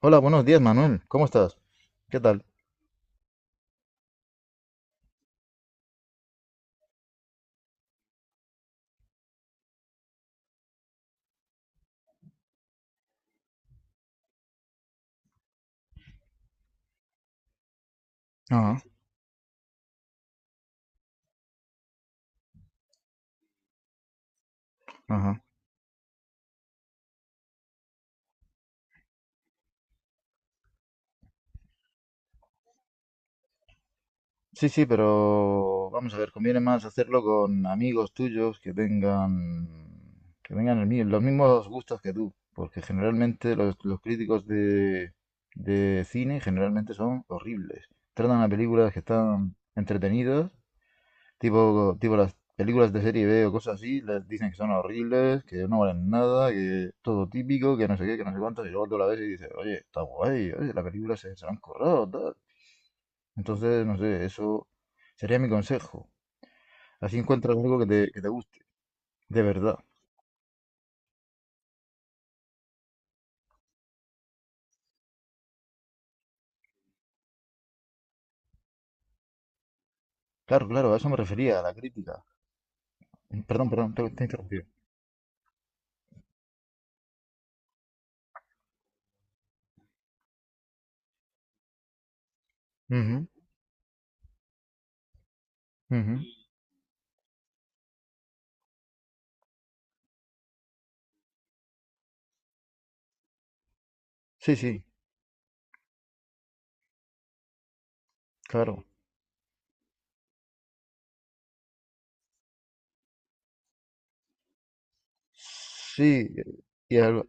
Hola, buenos días, Manuel. ¿Cómo estás? ¿Qué tal? Ajá, ajá. Sí, sí, pero vamos a ver, conviene más hacerlo con amigos tuyos que tengan, los mismos gustos que tú, porque generalmente los críticos de cine generalmente son horribles. Tratan a películas que están entretenidas. Tipo las películas de serie B o cosas así, les dicen que son horribles, que no valen nada, que todo típico, que no sé qué, que no sé cuántos, y luego tú la ves y dices, oye, está guay, oye, la película se la han currado, tal. Entonces, no sé, eso sería mi consejo. Así encuentras algo que te, guste, de verdad. Claro, claro, a eso me refería, a la crítica. Perdón, perdón, te he interrumpido. Ujú, ujú. Sí, sí, claro. Sí. y al-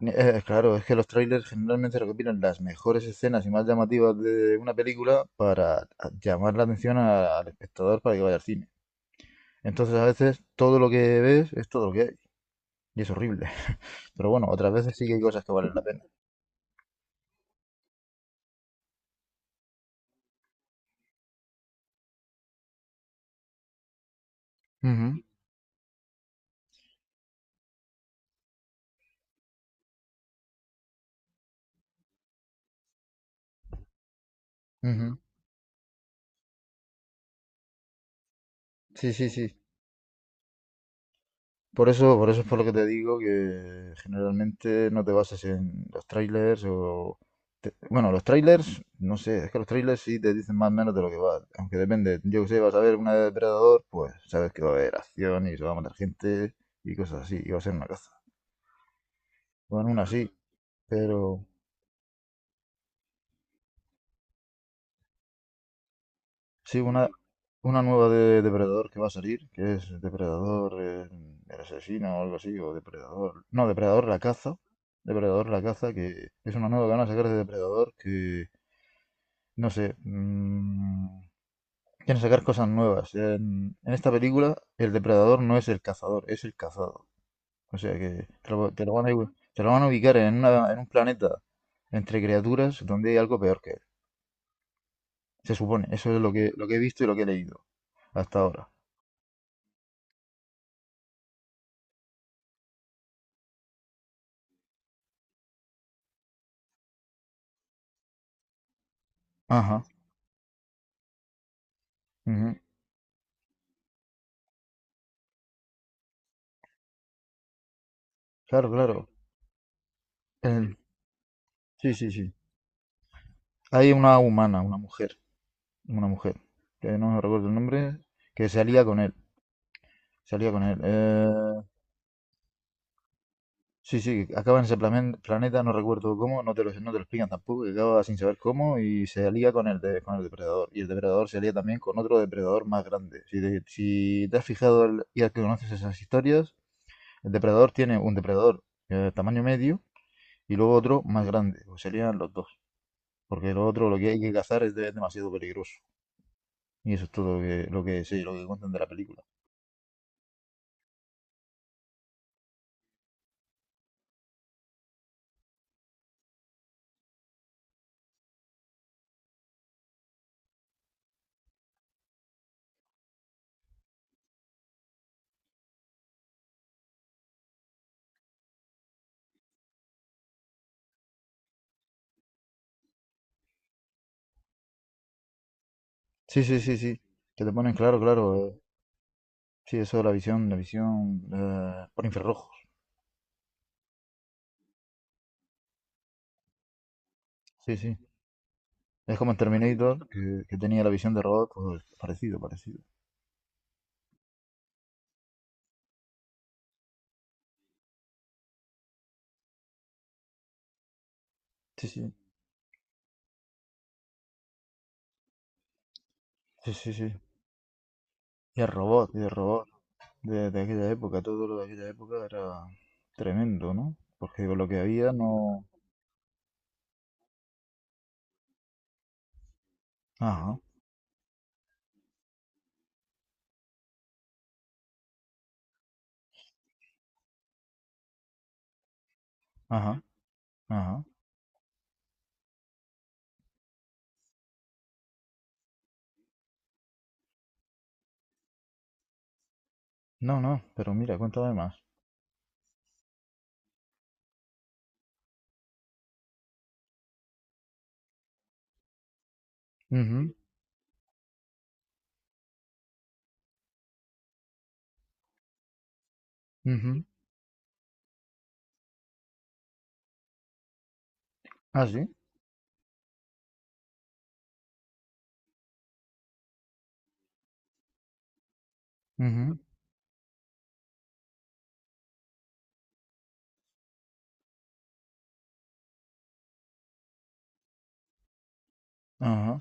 Eh, claro, es que los trailers generalmente recopilan las mejores escenas y más llamativas de una película para llamar la atención al espectador para que vaya al cine. Entonces a veces todo lo que ves es todo lo que hay y es horrible. Pero bueno, otras veces sí que hay cosas que valen la pena. Ujú, ujú. Sí, sí, sí. Por eso es por lo que te digo que generalmente no te bases en los trailers. Bueno, los trailers, no sé, es que los trailers sí te dicen más o menos de lo que va. Aunque depende, yo que sé, vas a ver una de Depredador, pues sabes que va a haber acción y se va a matar gente y cosas así, y va a ser una caza. Bueno, aún así, pero. Sí, una nueva de Depredador que va a salir, que es Depredador, el asesino o algo así, o Depredador. No, Depredador la caza. Depredador la caza, que es una nueva que van a sacar de Depredador, que no sé. Quieren sacar cosas nuevas. En esta película, el Depredador no es el cazador, es el cazado. O sea que te lo van a ubicar en, un planeta entre criaturas donde hay algo peor que él. Se supone, eso es lo que, he visto y lo que he leído hasta ahora. Ajá. Ujú. Claro, claro. Eh, sí, sí, sí. Hay una humana, una mujer, una mujer, que no me recuerdo el nombre, que salía con él, salía con él. Sí, sí, acaba en ese planeta, no recuerdo cómo, no te lo explican tampoco, que acaba sin saber cómo y se alía con con el depredador. Y el depredador se alía también con otro depredador más grande. Si te has fijado y al que conoces esas historias, el depredador tiene un depredador de tamaño medio y luego otro más grande, pues serían los dos, porque el otro lo que hay que cazar es demasiado peligroso. Y eso es todo lo que cuentan de la película. Sí, sí, sí, sí. Que te ponen claro, claro. Sí, eso de la visión por infrarrojos. Sí, sí. Es como en Terminator, que tenía la visión de robot, pues parecido, parecido. Sí, sí, sí, sí, sí. Y el robot de aquella época, todo lo de aquella época era tremendo, ¿no? Porque con lo que había no. Ajá, ajá, ajá. No, no, pero mira, cuéntame más. Ujú, ujú. Ah, sí. Ujú. Ajá.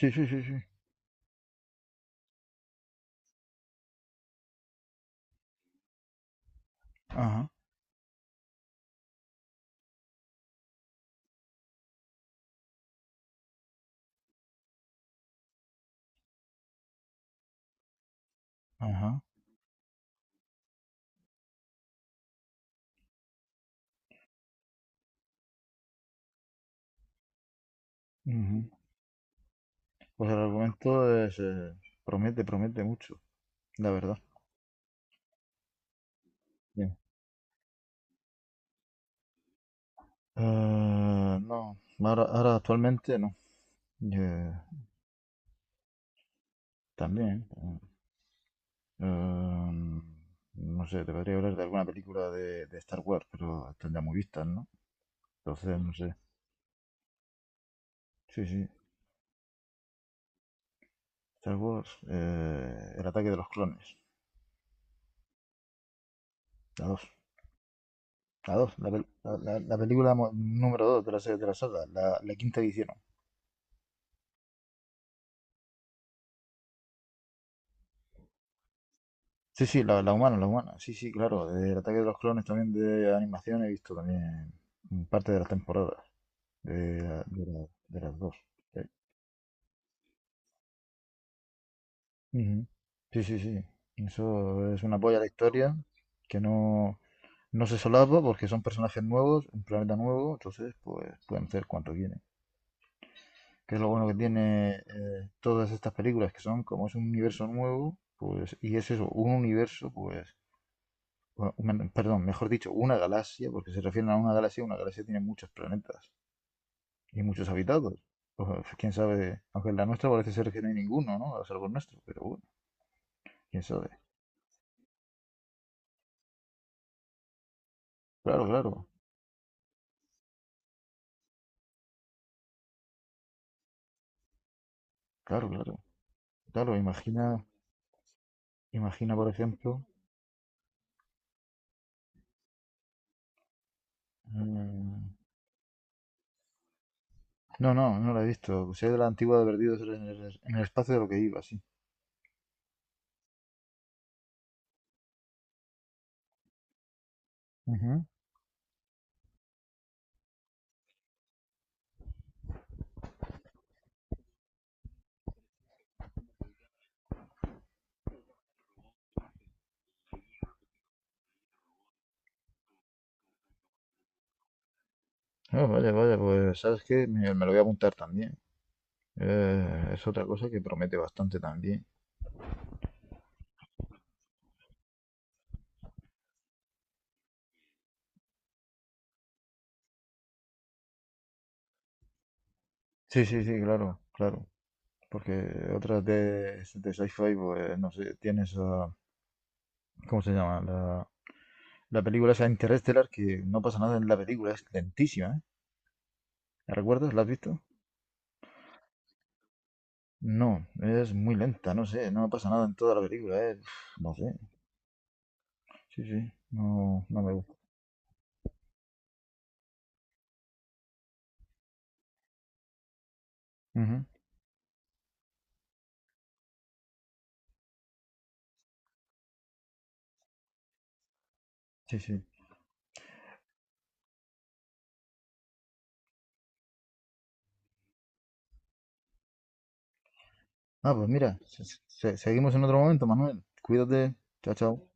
Sí, sí, sí, sí. Ajá. Ajá. Ujú. Pues el argumento es, promete, promete mucho, la verdad. Bien. Eh, no, ahora, actualmente no. Eh, también. Eh, no sé, te podría hablar de alguna película de Star Wars, pero tendría muy vistas, ¿no? Entonces, no sé. Sí, sí. Star Wars, El ataque de los clones. La 2. La 2. La película número dos, de la serie de la saga, la quinta edición. Sí, sí, la humana, la humana. Sí, sí, claro. Del ataque de los clones también de animación he visto también parte de las temporadas. De las dos. Sí. Ujú. Sí, sí, sí. Eso es una polla a la historia que no, no se solapa porque son personajes nuevos, un planeta nuevo, entonces pues pueden hacer cuanto quieren. Que es lo bueno que tiene todas estas películas que son como es un universo nuevo, pues y es eso, un universo, pues bueno, perdón, mejor dicho, una galaxia, porque se refieren a una galaxia tiene muchos planetas y muchos habitados. Pues, quién sabe, aunque en la nuestra parece ser que no hay ninguno, ¿no? A salvo nuestro, pero bueno, quién sabe. Claro, claro, claro, claro. Claro, imagina, imagina, por ejemplo. mm, No, no, no la he visto. Soy de la antigua de perdidos en el espacio de lo que iba, sí. Ujú. Ah, vaya, vaya, pues ¿sabes qué? Me lo voy a apuntar también. Es otra cosa que promete bastante también. Sí, sí, sí, claro, claro. Porque otras de sci-fi, pues, no sé, tienes a. ¿Cómo se llama? La película esa Interstellar, que no pasa nada en la película, es lentísima, ¿eh? ¿La recuerdas? ¿La has visto? No, es muy lenta, no sé, no pasa nada en toda la película, ¿eh? No sé, sí, sí, no, no me gusta. Ujú, sí, sí. Ah, pues mira, seguimos en otro momento, Manuel. Cuídate, chao, chao.